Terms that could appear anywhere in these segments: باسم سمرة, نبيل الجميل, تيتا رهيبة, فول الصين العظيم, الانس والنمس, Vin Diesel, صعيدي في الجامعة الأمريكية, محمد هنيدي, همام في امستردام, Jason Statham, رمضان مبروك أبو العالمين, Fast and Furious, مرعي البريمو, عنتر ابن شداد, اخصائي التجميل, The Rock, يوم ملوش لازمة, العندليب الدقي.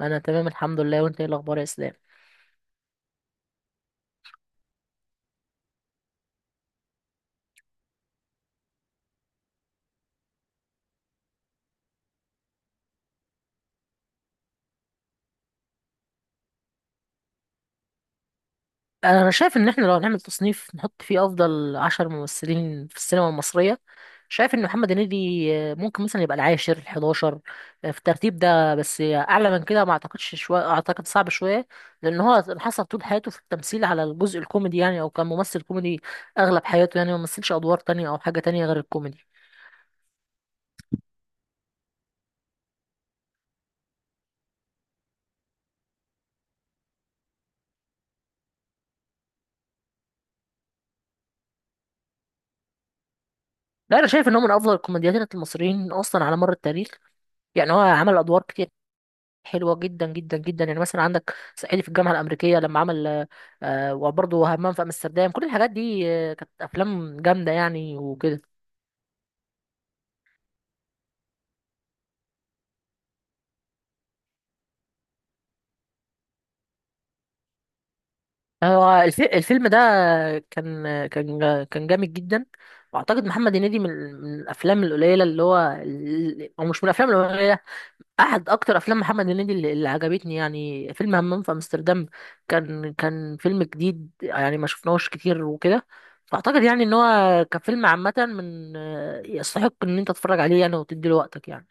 انا تمام الحمد لله، وانت ايه الاخبار يا اسلام؟ أنا شايف ان احنا لو هنعمل تصنيف نحط فيه افضل عشر ممثلين في السينما المصريه، شايف ان محمد هنيدي ممكن مثلا يبقى العاشر الحداشر في الترتيب ده، بس اعلى من كده ما اعتقدش، شويه اعتقد صعب شويه، لان هو حصل طول حياته في التمثيل على الجزء الكوميدي يعني، او كان ممثل كوميدي اغلب حياته، يعني ما مثلش ادوار تانية او حاجه تانية غير الكوميدي. لا، انا شايف ان هو من افضل الكوميديانات المصريين اصلا على مر التاريخ. يعني هو عمل ادوار كتير حلوه جدا جدا جدا. يعني مثلا عندك صعيدي في الجامعه الامريكيه لما عمل، آه، وبرضه همام في امستردام، كل الحاجات دي كانت افلام جامده يعني وكده. هو الفيلم ده كان جامد جدا، واعتقد محمد هنيدي من من الافلام القليله اللي هو او مش من الافلام القليله، احد اكتر افلام محمد هنيدي اللي عجبتني يعني فيلم همام في امستردام. كان فيلم جديد يعني، ما شفناهوش كتير وكده. فاعتقد يعني ان هو كفيلم عامه من يستحق ان انت تتفرج عليه يعني وتدي له وقتك يعني.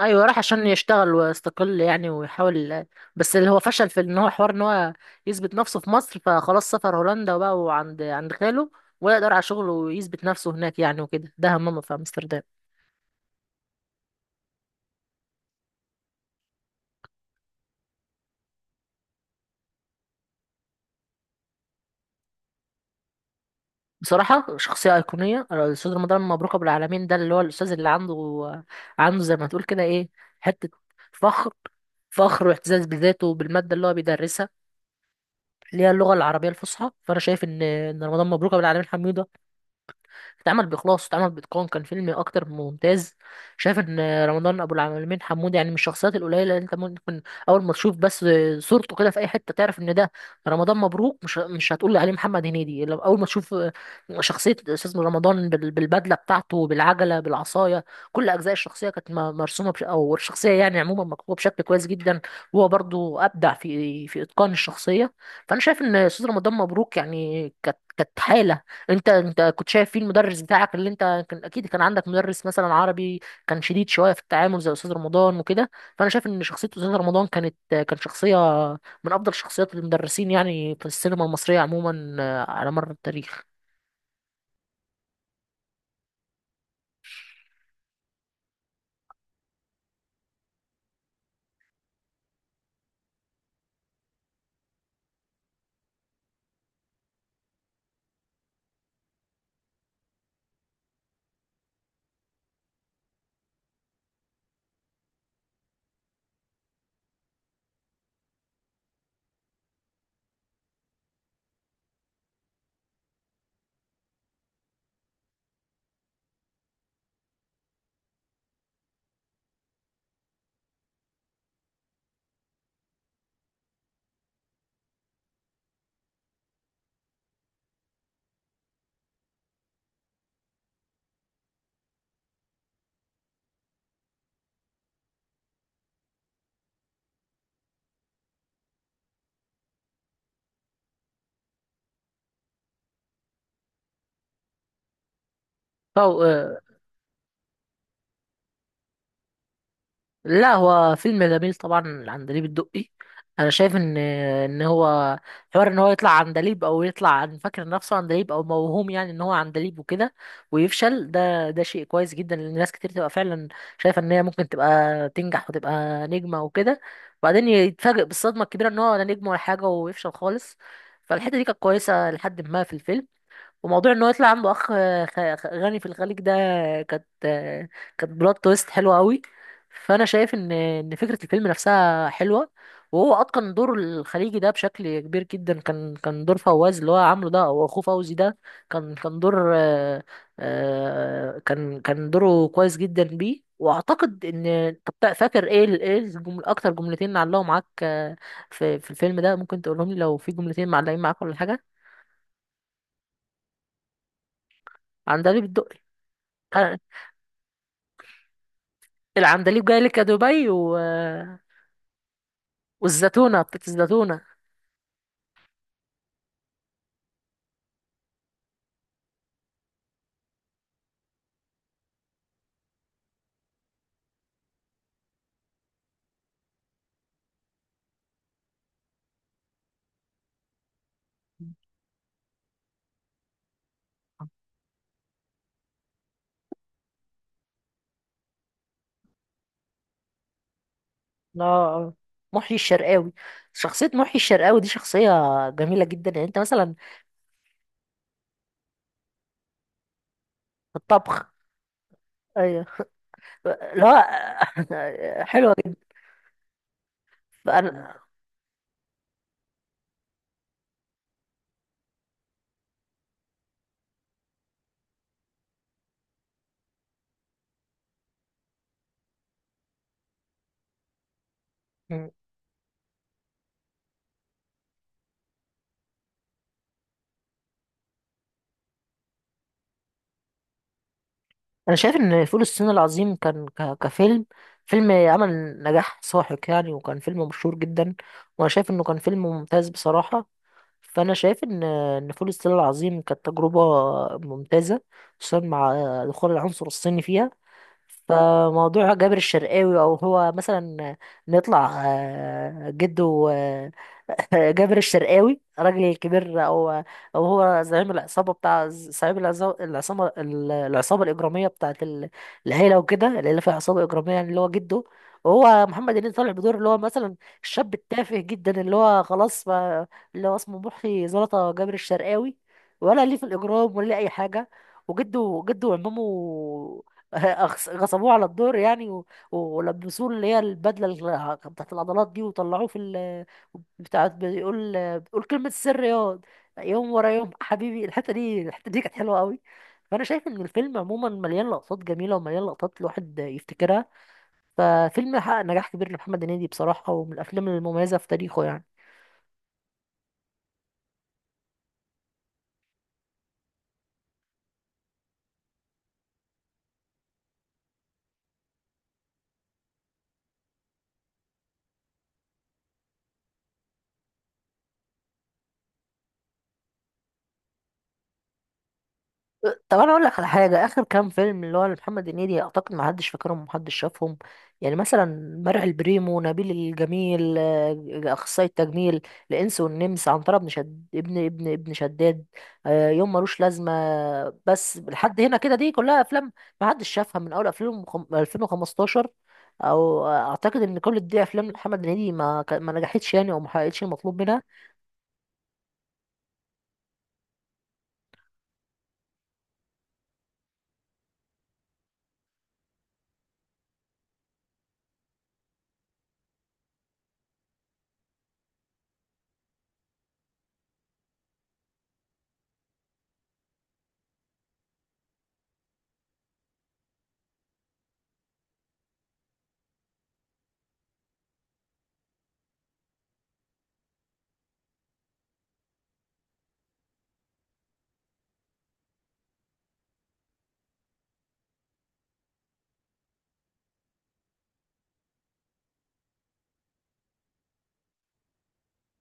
ايوه راح عشان يشتغل ويستقل يعني ويحاول، بس اللي هو فشل في ان هو حوار ان هو يثبت نفسه في مصر، فخلاص سافر هولندا وبقى وعند عند خاله ولا يقدر على شغله ويثبت نفسه هناك يعني وكده، ده همام في امستردام. بصراحة شخصية أيقونية الأستاذ رمضان مبروك أبو العالمين ده، اللي هو الأستاذ اللي عنده زي ما تقول كده إيه، حتة فخر، فخر واعتزاز بذاته وبالمادة اللي هو بيدرسها، اللي هي اللغة العربية الفصحى. فأنا شايف إن رمضان مبروك أبو العالمين حميدة اتعمل بإخلاص، اتعمل بإتقان، كان فيلم أكتر من ممتاز. شايف إن رمضان أبو العالمين حمود يعني من الشخصيات القليلة اللي أنت ممكن أول ما تشوف بس صورته كده في أي حتة تعرف إن ده رمضان مبروك. مش هتقول عليه محمد هنيدي لو أول ما تشوف شخصية أستاذ رمضان بالبدلة بتاعته، بالعجلة، بالعصاية. كل أجزاء الشخصية كانت مرسومة أو الشخصية يعني عموما مكتوبة بشكل كويس جدا. هو برضو أبدع في إتقان الشخصية. فأنا شايف إن أستاذ رمضان مبروك يعني كانت حالة، انت كنت شايف فيه المدرس بتاعك اللي انت كان اكيد كان عندك مدرس مثلا عربي كان شديد شويه في التعامل زي استاذ رمضان وكده. فانا شايف ان شخصيه استاذ رمضان كانت شخصيه من افضل شخصيات المدرسين يعني في السينما المصريه عموما على مر التاريخ. لا هو فيلم جميل طبعا العندليب الدقي. انا شايف ان هو حوار ان هو يطلع عندليب، او يطلع عن فاكر نفسه عندليب، او موهوم يعني ان هو عندليب وكده ويفشل، ده شيء كويس جدا، لان ناس كتير تبقى فعلا شايفه ان هي ممكن تبقى تنجح وتبقى نجمه وكده، وبعدين يتفاجئ بالصدمه الكبيره ان هو لا نجم ولا حاجه ويفشل خالص. فالحته دي كانت كويسه لحد ما في الفيلم. وموضوع ان هو يطلع عنده اخ غني في الخليج ده، كانت كانت بلوت تويست حلوه قوي. فانا شايف ان فكره الفيلم نفسها حلوه، وهو اتقن دور الخليجي ده بشكل كبير جدا. كان دور فواز اللي هو عامله ده او اخوه فوزي ده، كان دور كان دوره كويس جدا بيه. واعتقد ان، طب فاكر ايه ايه الجمل اكتر، جملتين علقوا معاك في الفيلم ده؟ ممكن تقولهم لي لو في جملتين معلقين معاك ولا حاجه؟ عن دليل الدقي. العندليب جاي لك يا دبي و... والزتونة بتاعت الزتونة. اه آه. محيي الشرقاوي. شخصية محيي الشرقاوي دي شخصية جميلة جدا. يعني انت مثلا، في الطبخ، ايوه. لا حلوة جدا. فأنا انا شايف ان فول الصين العظيم كان كفيلم، فيلم عمل نجاح ساحق يعني، وكان فيلم مشهور جدا، وانا شايف انه كان فيلم ممتاز بصراحة. فانا شايف ان فول الصين العظيم كانت تجربة ممتازة، خصوصا مع دخول العنصر الصيني فيها. فموضوع جابر الشرقاوي، او هو مثلا نطلع جده، جابر الشرقاوي راجل كبير، او او هو زعيم العصابه بتاع، زعيم العصابه العصابه الاجراميه بتاعت العيله وكده. العيله فيها عصابه اجراميه يعني اللي هو جده. وهو محمد هنيدي طالع بدور اللي هو مثلا الشاب التافه جدا، اللي هو خلاص ما، اللي هو اسمه محي زلطه جابر الشرقاوي، ولا ليه في الاجرام ولا ليه اي حاجه. وجده، وعمامه غصبوه على الدور يعني ولبسوه اللي هي البدله بتاعت العضلات دي، وطلعوه في ال بتاعت، بيقول كلمه السر ياض يوم ورا يوم حبيبي. الحته دي كانت حلوه قوي. فانا شايف ان الفيلم عموما مليان لقطات جميله، ومليان لقطات الواحد يفتكرها. ففيلم حقق نجاح كبير لمحمد هنيدي بصراحه، ومن الافلام المميزه في تاريخه يعني. طب انا اقول لك على حاجه، اخر كام فيلم اللي هو محمد هنيدي اعتقد ما حدش فاكرهم ومحدش شافهم، يعني مثلا مرعي البريمو، نبيل الجميل اخصائي التجميل، الانس والنمس، عنتر ابن شد ابن ابن شداد، يوم ملوش لازمه. بس لحد هنا كده، دي كلها افلام ما حدش شافها من اول 2015، او اعتقد ان كل دي افلام محمد هنيدي ما نجحتش يعني او ما حققتش المطلوب.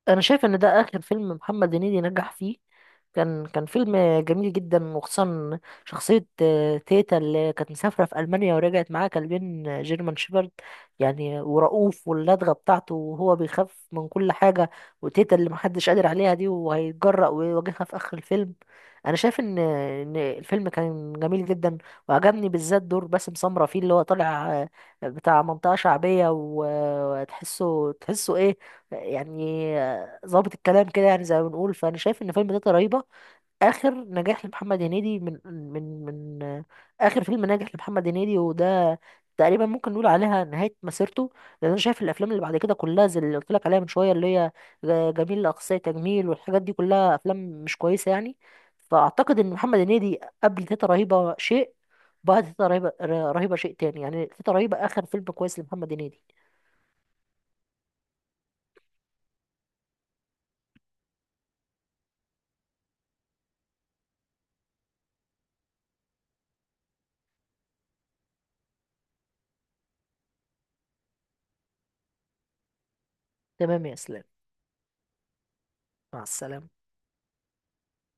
انا شايف ان ده اخر فيلم محمد هنيدي نجح فيه، كان فيلم جميل جدا. وخصوصا شخصية تيتا اللي كانت مسافرة في ألمانيا ورجعت معاها كلبين جيرمان شيبرد يعني، ورؤوف واللدغة بتاعته وهو بيخاف من كل حاجة، وتيتا اللي محدش قادر عليها دي وهيتجرأ ويواجهها في آخر الفيلم. أنا شايف إن الفيلم كان جميل جدا، وعجبني بالذات دور باسم سمرة فيه اللي هو طالع بتاع منطقة شعبية، وتحسه إيه يعني، ظابط الكلام كده يعني زي ما بنقول. فانا شايف ان فيلم تيتا رهيبه اخر نجاح لمحمد هنيدي، من من اخر فيلم ناجح لمحمد هنيدي، وده تقريبا ممكن نقول عليها نهايه مسيرته، لان انا شايف الافلام اللي بعد كده كلها زي اللي قلت لك عليها من شويه، اللي هي جميل لاقصى تجميل والحاجات دي، كلها افلام مش كويسه يعني. فاعتقد ان محمد هنيدي قبل تيتا رهيبه شيء، بعد تيتا رهيبه رهيبه شيء تاني يعني. تيتا رهيبه اخر فيلم كويس لمحمد هنيدي. تمام يا اسلام. مع السلامه.